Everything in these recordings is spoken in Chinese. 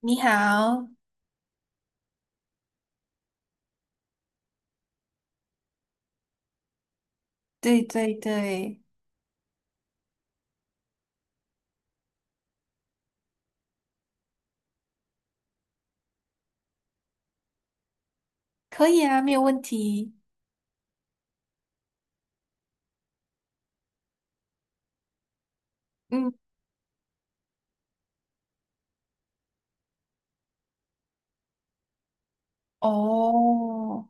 你好，对对对，可以啊，没有问题。嗯，哦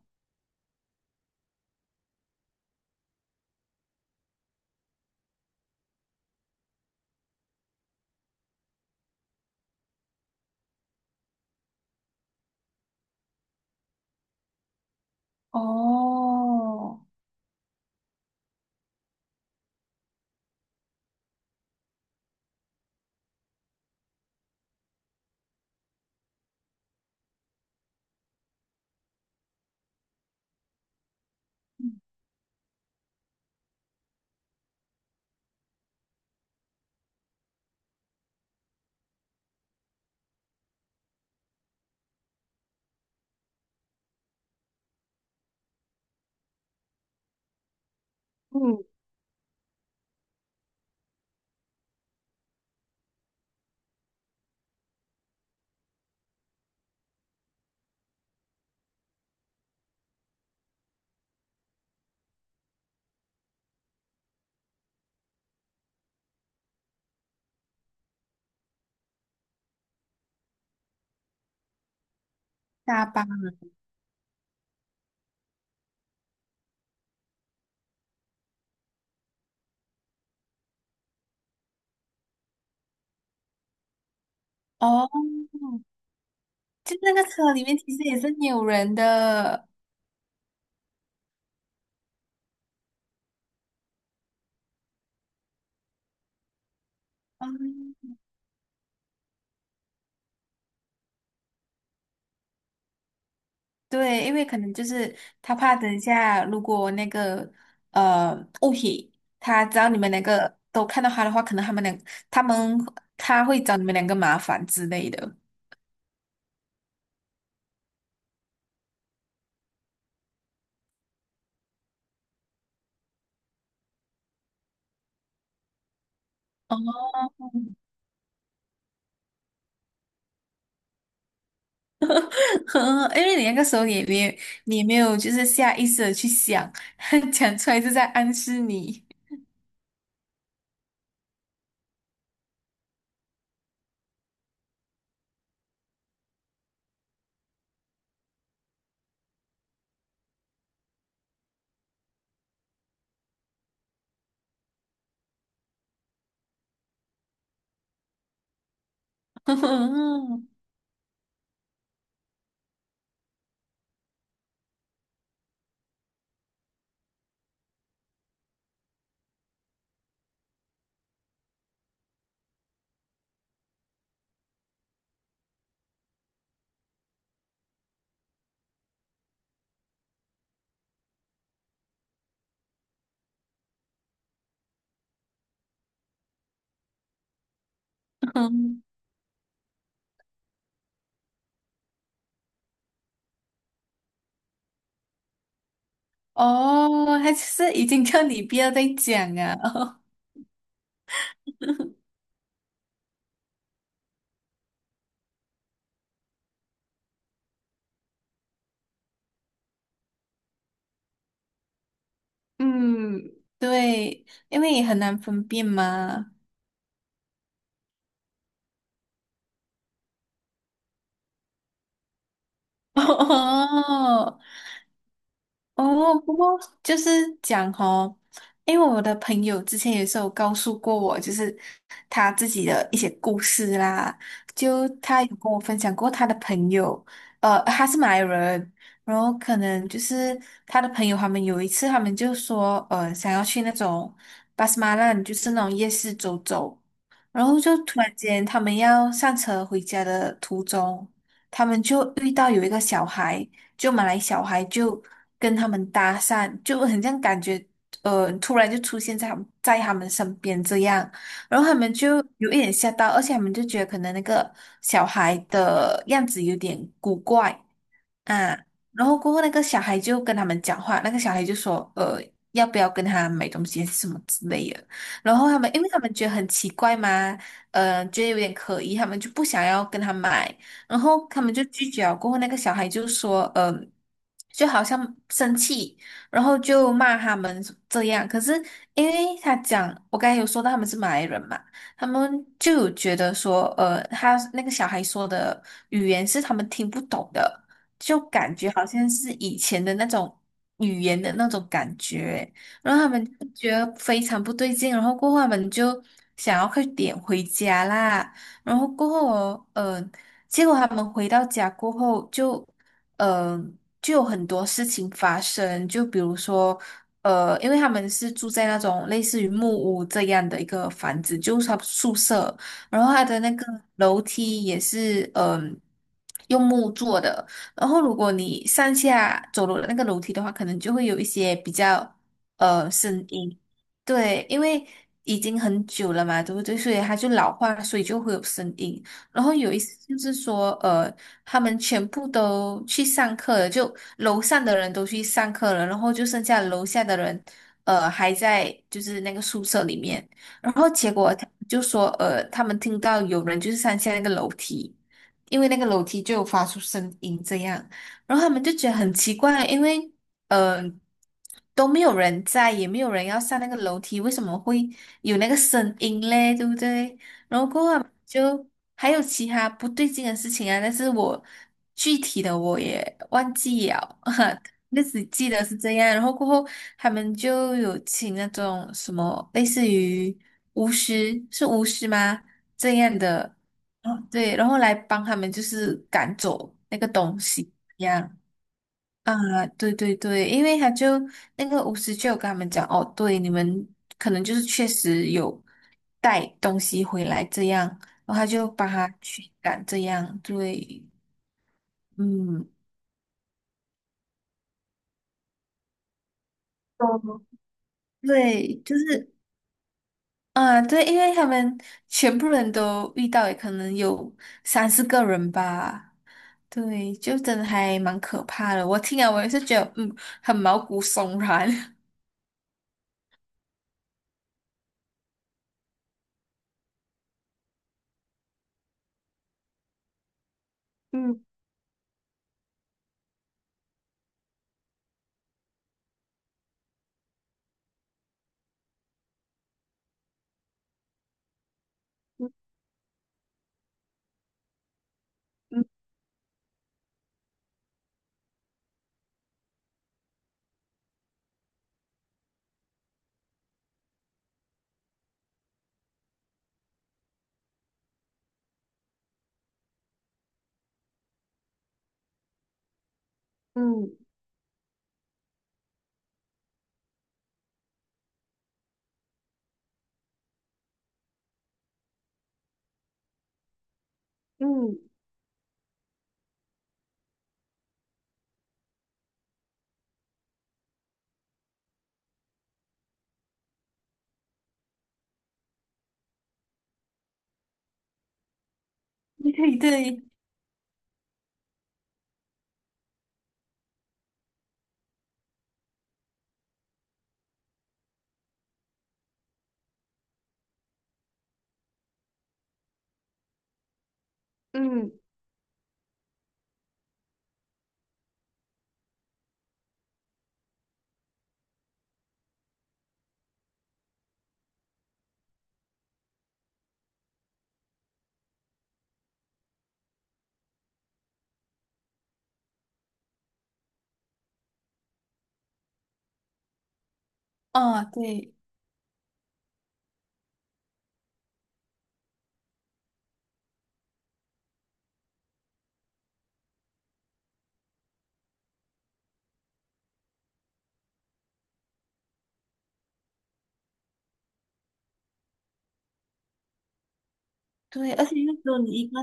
哦，嗯，大巴哦，就那个车里面其实也是没有人的。嗯，对，因为可能就是他怕等一下，如果那个呃物品，他只要你们两个都看到他的话，可能他们他会找你们两个麻烦之类的。哦 呵，因为你那个时候你也没有就是下意识的去想，讲出来是在暗示你。哦，他就是已经叫你不要再讲啊。嗯，对，因为也很难分辨嘛。哦，哦，不过就是讲哦，因为我的朋友之前也是有告诉过我，就是他自己的一些故事啦，就他有跟我分享过他的朋友，他是马来人，然后可能就是他的朋友他们有一次他们就说，想要去那种巴斯马兰，就是那种夜市走走，然后就突然间他们要上车回家的途中，他们就遇到有一个小孩。就马来小孩就跟他们搭讪，就很像感觉突然就出现在他们身边这样，然后他们就有一点吓到，而且他们就觉得可能那个小孩的样子有点古怪，啊，然后过后那个小孩就跟他们讲话，那个小孩就说，要不要跟他买东西还是什么之类的。然后他们，因为他们觉得很奇怪嘛，觉得有点可疑，他们就不想要跟他买，然后他们就拒绝了。过后那个小孩就说，就好像生气，然后就骂他们这样。可是因为他讲，我刚才有说到他们是马来人嘛，他们就有觉得说，他那个小孩说的语言是他们听不懂的。就感觉好像是以前的那种语言的那种感觉，然后他们就觉得非常不对劲，然后过后他们就想要快点回家啦，然后过后哦，结果他们回到家过后就，呃，就有很多事情发生，就比如说。因为他们是住在那种类似于木屋这样的一个房子，就是他宿舍，然后他的那个楼梯也是，用木做的，然后如果你上下走楼的那个楼梯的话，可能就会有一些比较声音，对，因为已经很久了嘛，对不对？所以它就老化，所以就会有声音。然后有一次就是说，他们全部都去上课了，就楼上的人都去上课了，然后就剩下楼下的人，还在就是那个宿舍里面。然后结果他就说，他们听到有人就是上下那个楼梯。因为那个楼梯就有发出声音这样，然后他们就觉得很奇怪，因为呃都没有人在，也没有人要上那个楼梯，为什么会有那个声音嘞？对不对？然后过后他们就还有其他不对劲的事情啊，但是我具体的我也忘记了，就只记得是这样。然后过后他们就有请那种什么类似于巫师，是巫师吗？这样的。哦，对，然后来帮他们就是赶走那个东西一样啊，对对对，因为那个巫师就有跟他们讲，哦，对，你们可能就是确实有带东西回来这样，然后他就帮他驱赶这样，对，嗯。哦对，就是啊，对，因为他们全部人都遇到，也可能有三四个人吧。对，就真的还蛮可怕的。我听了，我也是觉得，嗯，很毛骨悚然。嗯嗯嗯嗯对对 对，嗯，哦，对对，而且就只有你一个，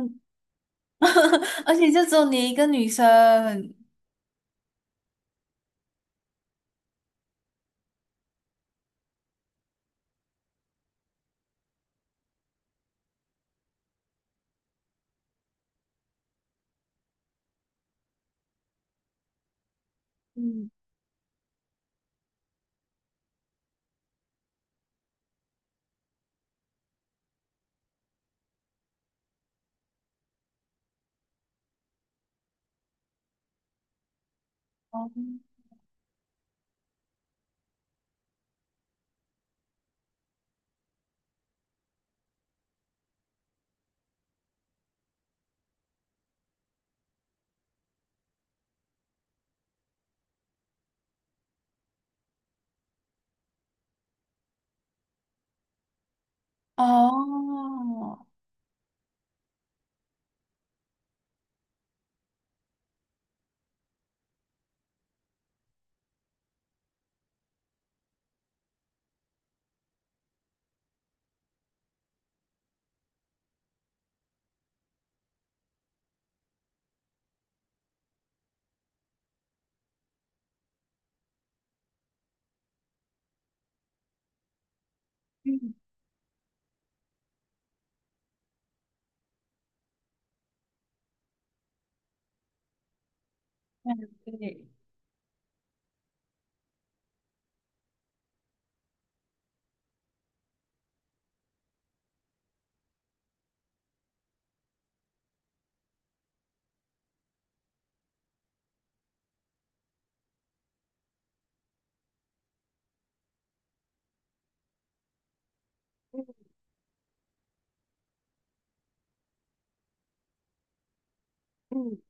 而且就只有你一个女生。嗯哦哦，嗯对，嗯，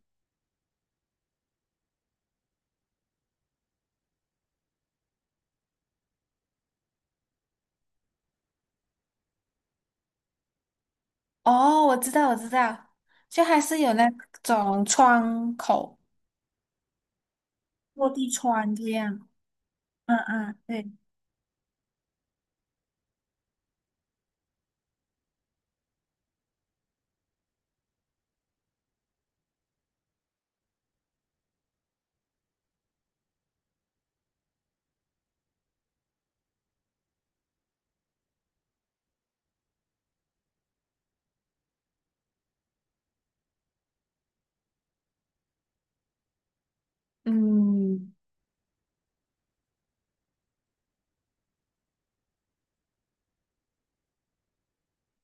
哦，我知道，我知道，就还是有那种窗口落地窗这样。嗯嗯，对，嗯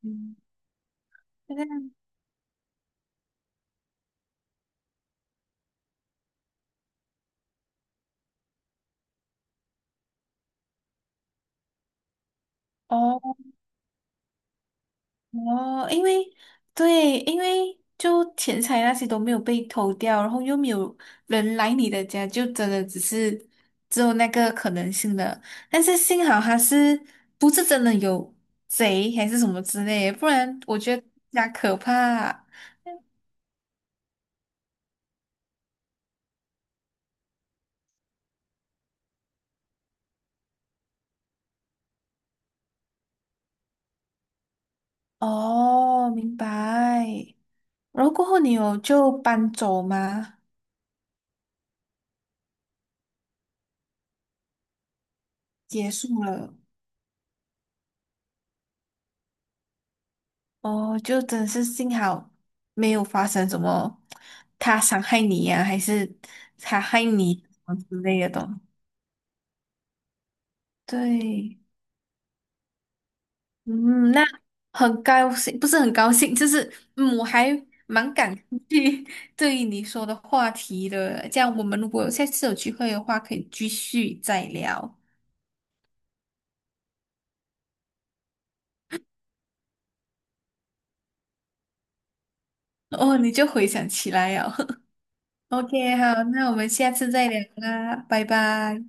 嗯，就这样。哦。哦，因为对，因为就钱财那些都没有被偷掉，然后又没有人来你的家，就真的只是只有那个可能性的。但是幸好他是不是真的有贼还是什么之类，不然我觉得更加可怕。哦，明白。然后过后你有就搬走吗？结束了。哦，就真是幸好没有发生什么他伤害你呀、还是他害你什么之类的东对，嗯，那很高兴，不是很高兴，就是嗯，我还蛮感兴趣 对于你说的话题的。这样，我们如果下次有机会的话，可以继续再聊。哦，你就回想起来了。OK,好，那我们下次再聊啦，拜拜。